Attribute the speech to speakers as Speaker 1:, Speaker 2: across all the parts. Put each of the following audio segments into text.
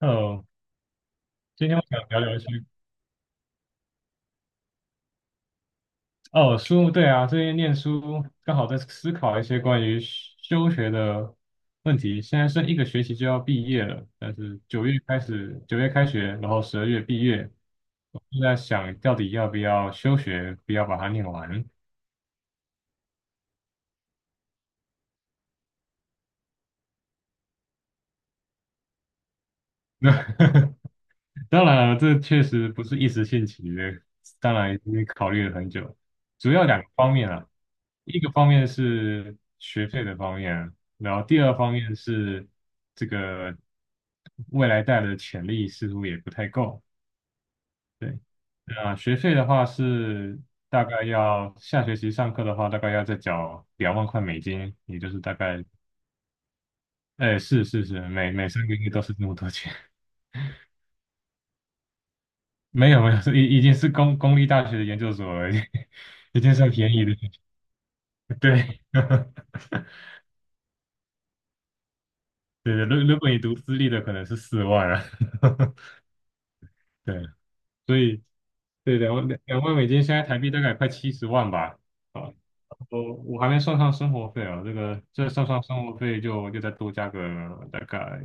Speaker 1: 哦，今天我想聊聊一些哦书，对啊，最近念书刚好在思考一些关于休学的问题。现在剩一个学期就要毕业了，但是九月开始，九月开学，然后十二月毕业，我就在想到底要不要休学，不要把它念完。当然了，这确实不是一时兴起的，当然因为考虑了很久，主要两个方面啊，一个方面是学费的方面啊，然后第二方面是这个未来带的潜力似乎也不太够，对，那学费的话是大概要下学期上课的话，大概要再缴两万块美金，也就是大概，哎，是是是，每三个月都是这么多钱，没有没有，是已经是公立大学的研究所了，已经 已经算便宜的。对，对对，如果你读私立的，可能是四万啊。对，所以对两万美金，现在台币大概快七十万吧。啊，我还没算上生活费啊，这个这算上生活费就再多加个大概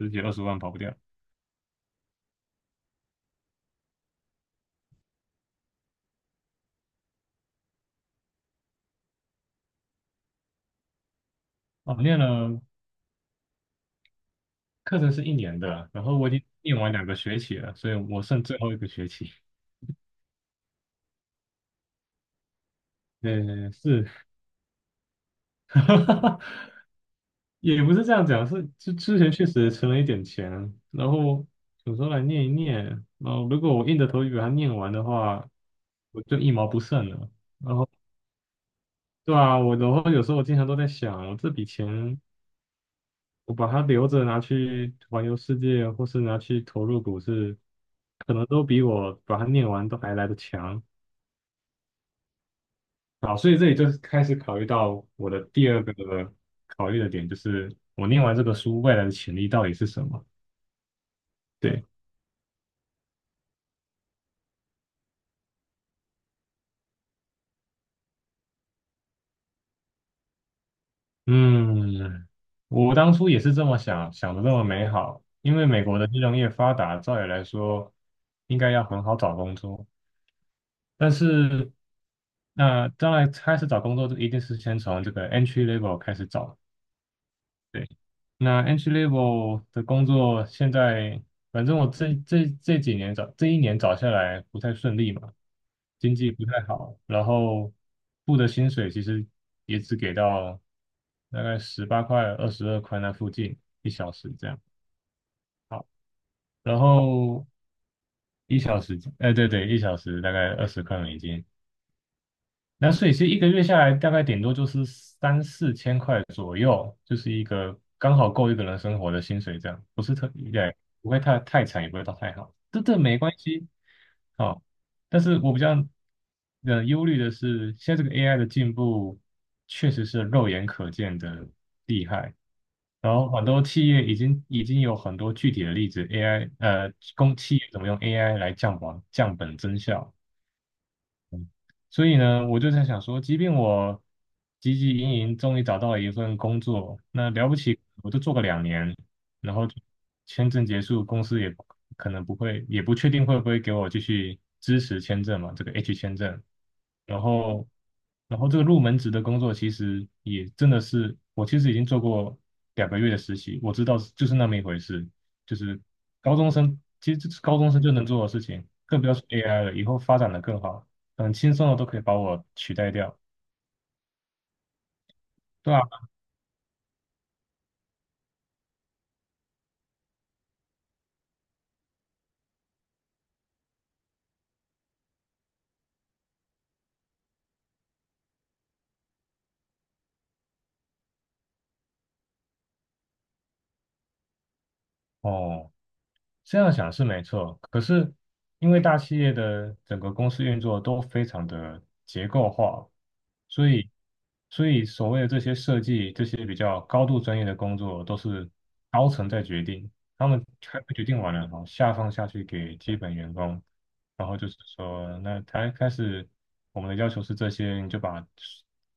Speaker 1: 十几二十万跑不掉。哦，念了课程是一年的，然后我已经念完两个学期了，所以我剩最后一个学期。对，是 也不是这样讲，是之前确实存了一点钱，然后有时候来念一念，然后如果我硬着头皮把它念完的话，我就一毛不剩了。然后对啊，我然后有时候我经常都在想，我这笔钱我把它留着拿去环游世界，或是拿去投入股市，可能都比我把它念完都还来得强。好，所以这里就是开始考虑到我的第二个考虑的点，就是我念完这个书未来的潜力到底是什么。对。嗯，我当初也是这么想，想的这么美好，因为美国的金融业发达，照理来说应该要很好找工作，但是那当然开始找工作，就一定是先从这个 entry level 开始找，对，那 entry level 的工作现在，反正我这几年找这一年找下来不太顺利嘛，经济不太好，然后付的薪水其实也只给到大概十八块、二十二块那附近一小时这样。好，然后一小时，哎，对对，一小时大概二十块美金，那所以其实一个月下来大概顶多就是三四千块左右，就是一个刚好够一个人生活的薪水这样，不是特，对，不会太惨，也不会到太好，这没关系，好、但是我比较忧虑的是，现在这个 AI 的进步确实是肉眼可见的厉害，然后很多企业已经有很多具体的例子，AI 公企业怎么用 AI 来降本增效，所以呢，我就在想说，即便我汲汲营营，终于找到了一份工作，那了不起，我就做个两年，然后签证结束，公司也可能不会，也不确定会不会给我继续支持签证嘛，这个 H 签证。然后，这个入门职的工作其实也真的是，我其实已经做过两个月的实习，我知道是就是那么一回事，就是高中生其实这是高中生就能做的事情，更不要说 AI 了，以后发展的更好，很轻松的都可以把我取代掉，对啊，哦，这样想是没错，可是因为大企业的整个公司运作都非常的结构化，所以所以所谓的这些设计、这些比较高度专业的工作都是高层在决定，他们开会决定完了，然后下放下去给基本员工，然后就是说，那他开始我们的要求是这些，你就把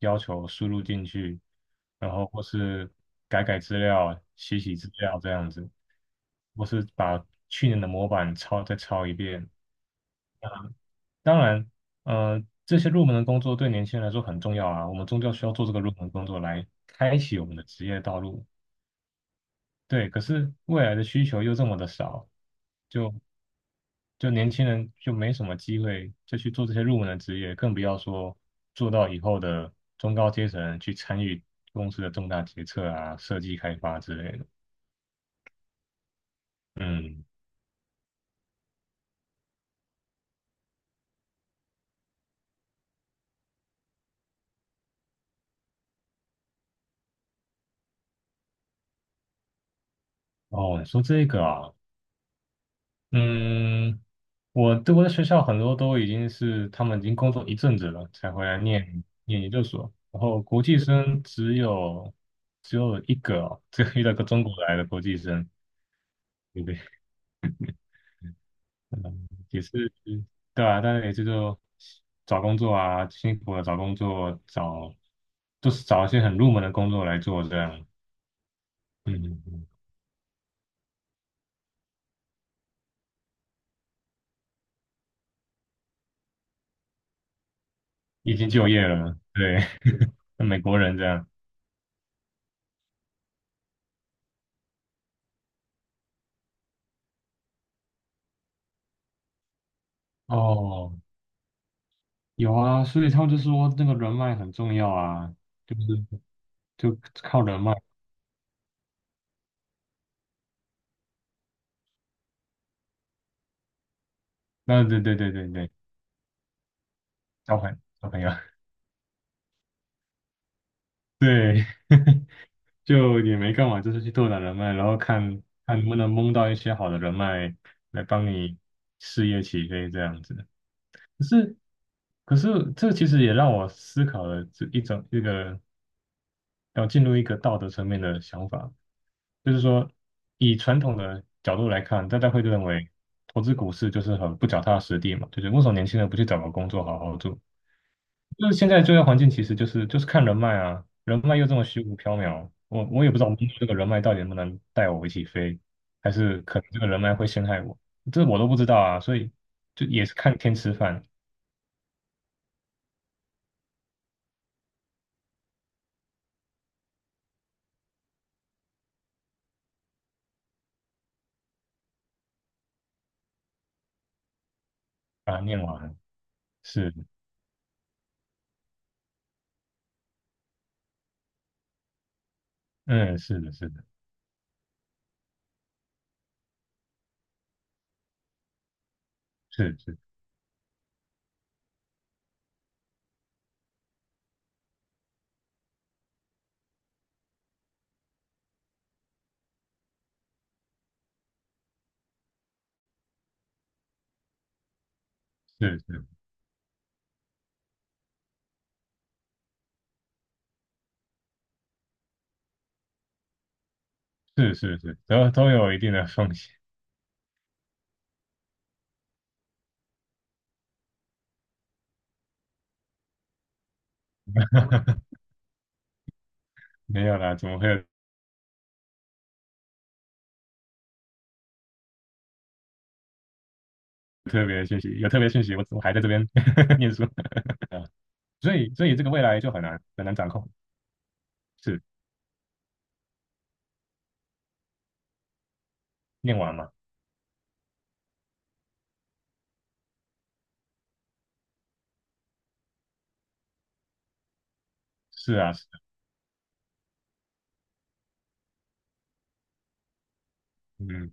Speaker 1: 要求输入进去，然后或是改改资料、洗洗资料这样子。我是把去年的模板抄再抄一遍。当然，这些入门的工作对年轻人来说很重要啊，我们终究需要做这个入门工作来开启我们的职业道路。对，可是未来的需求又这么的少，就就年轻人就没什么机会就去做这些入门的职业，更不要说做到以后的中高阶层去参与公司的重大决策啊、设计开发之类的。嗯，哦，你说这个啊，嗯，我对我的学校很多都已经是他们已经工作一阵子了才回来念念研究所，然后国际生只有一个哦，只有遇到一个中国来的国际生，对不对？嗯，也是对啊，但是也是就找工作啊，辛苦了找工作，找就是找一些很入门的工作来做这样，嗯，嗯嗯已经就业了，对，美国人这样，哦，有啊，所以他们就说那个人脉很重要啊，就是就靠人脉。那对对对对对，交朋友，对，就也没干嘛，就是去拓展人脉，然后看看能不能蒙到一些好的人脉来帮你事业起飞这样子。可是可是这其实也让我思考了这一种一个要进入一个道德层面的想法，就是说，以传统的角度来看，大家会认为投资股市就是很不脚踏实地嘛，就是为什么年轻人不去找个工作好好做？就是现在就业环境其实就是看人脉啊，人脉又这么虚无缥缈，我也不知道这个人脉到底能不能带我一起飞，还是可能这个人脉会陷害我，这我都不知道啊，所以就也是看天吃饭把它念完是，嗯，是的，是的，是是是是是是是，都有一定的风险，没有啦，怎么会有？特别的讯息，有特别讯息，我还在这边 念书，啊，所以这个未来就很难很难掌控，是念完嘛？是啊，是啊，嗯，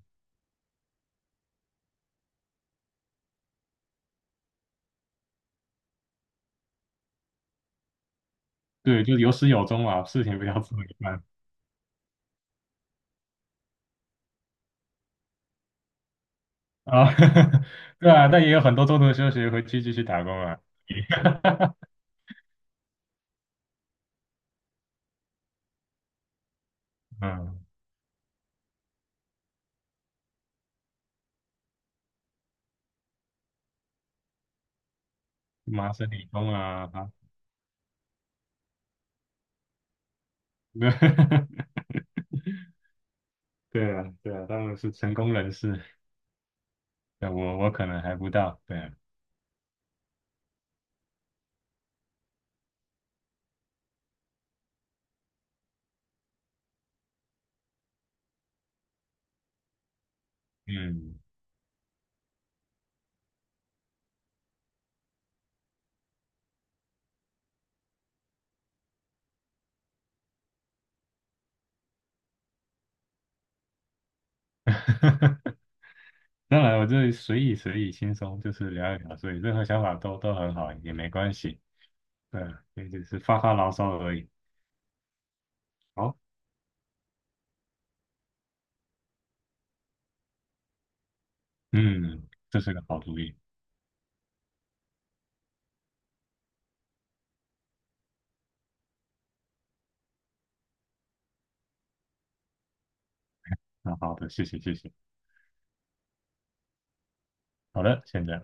Speaker 1: 对，就有始有终嘛，事情不要做一半啊，对啊，但也有很多中途休息回去继续打工啊，嗯，麻省理工啊，啊，对 对啊，对啊，他们是成功人士，对我可能还不到，对啊，嗯。当然，我这随意随意轻松，就是聊一聊，所以任何想法都很好，也没关系。对，也只是发发牢骚而已。好，嗯，这是个好主意。那好的，谢谢谢谢。好的，现在。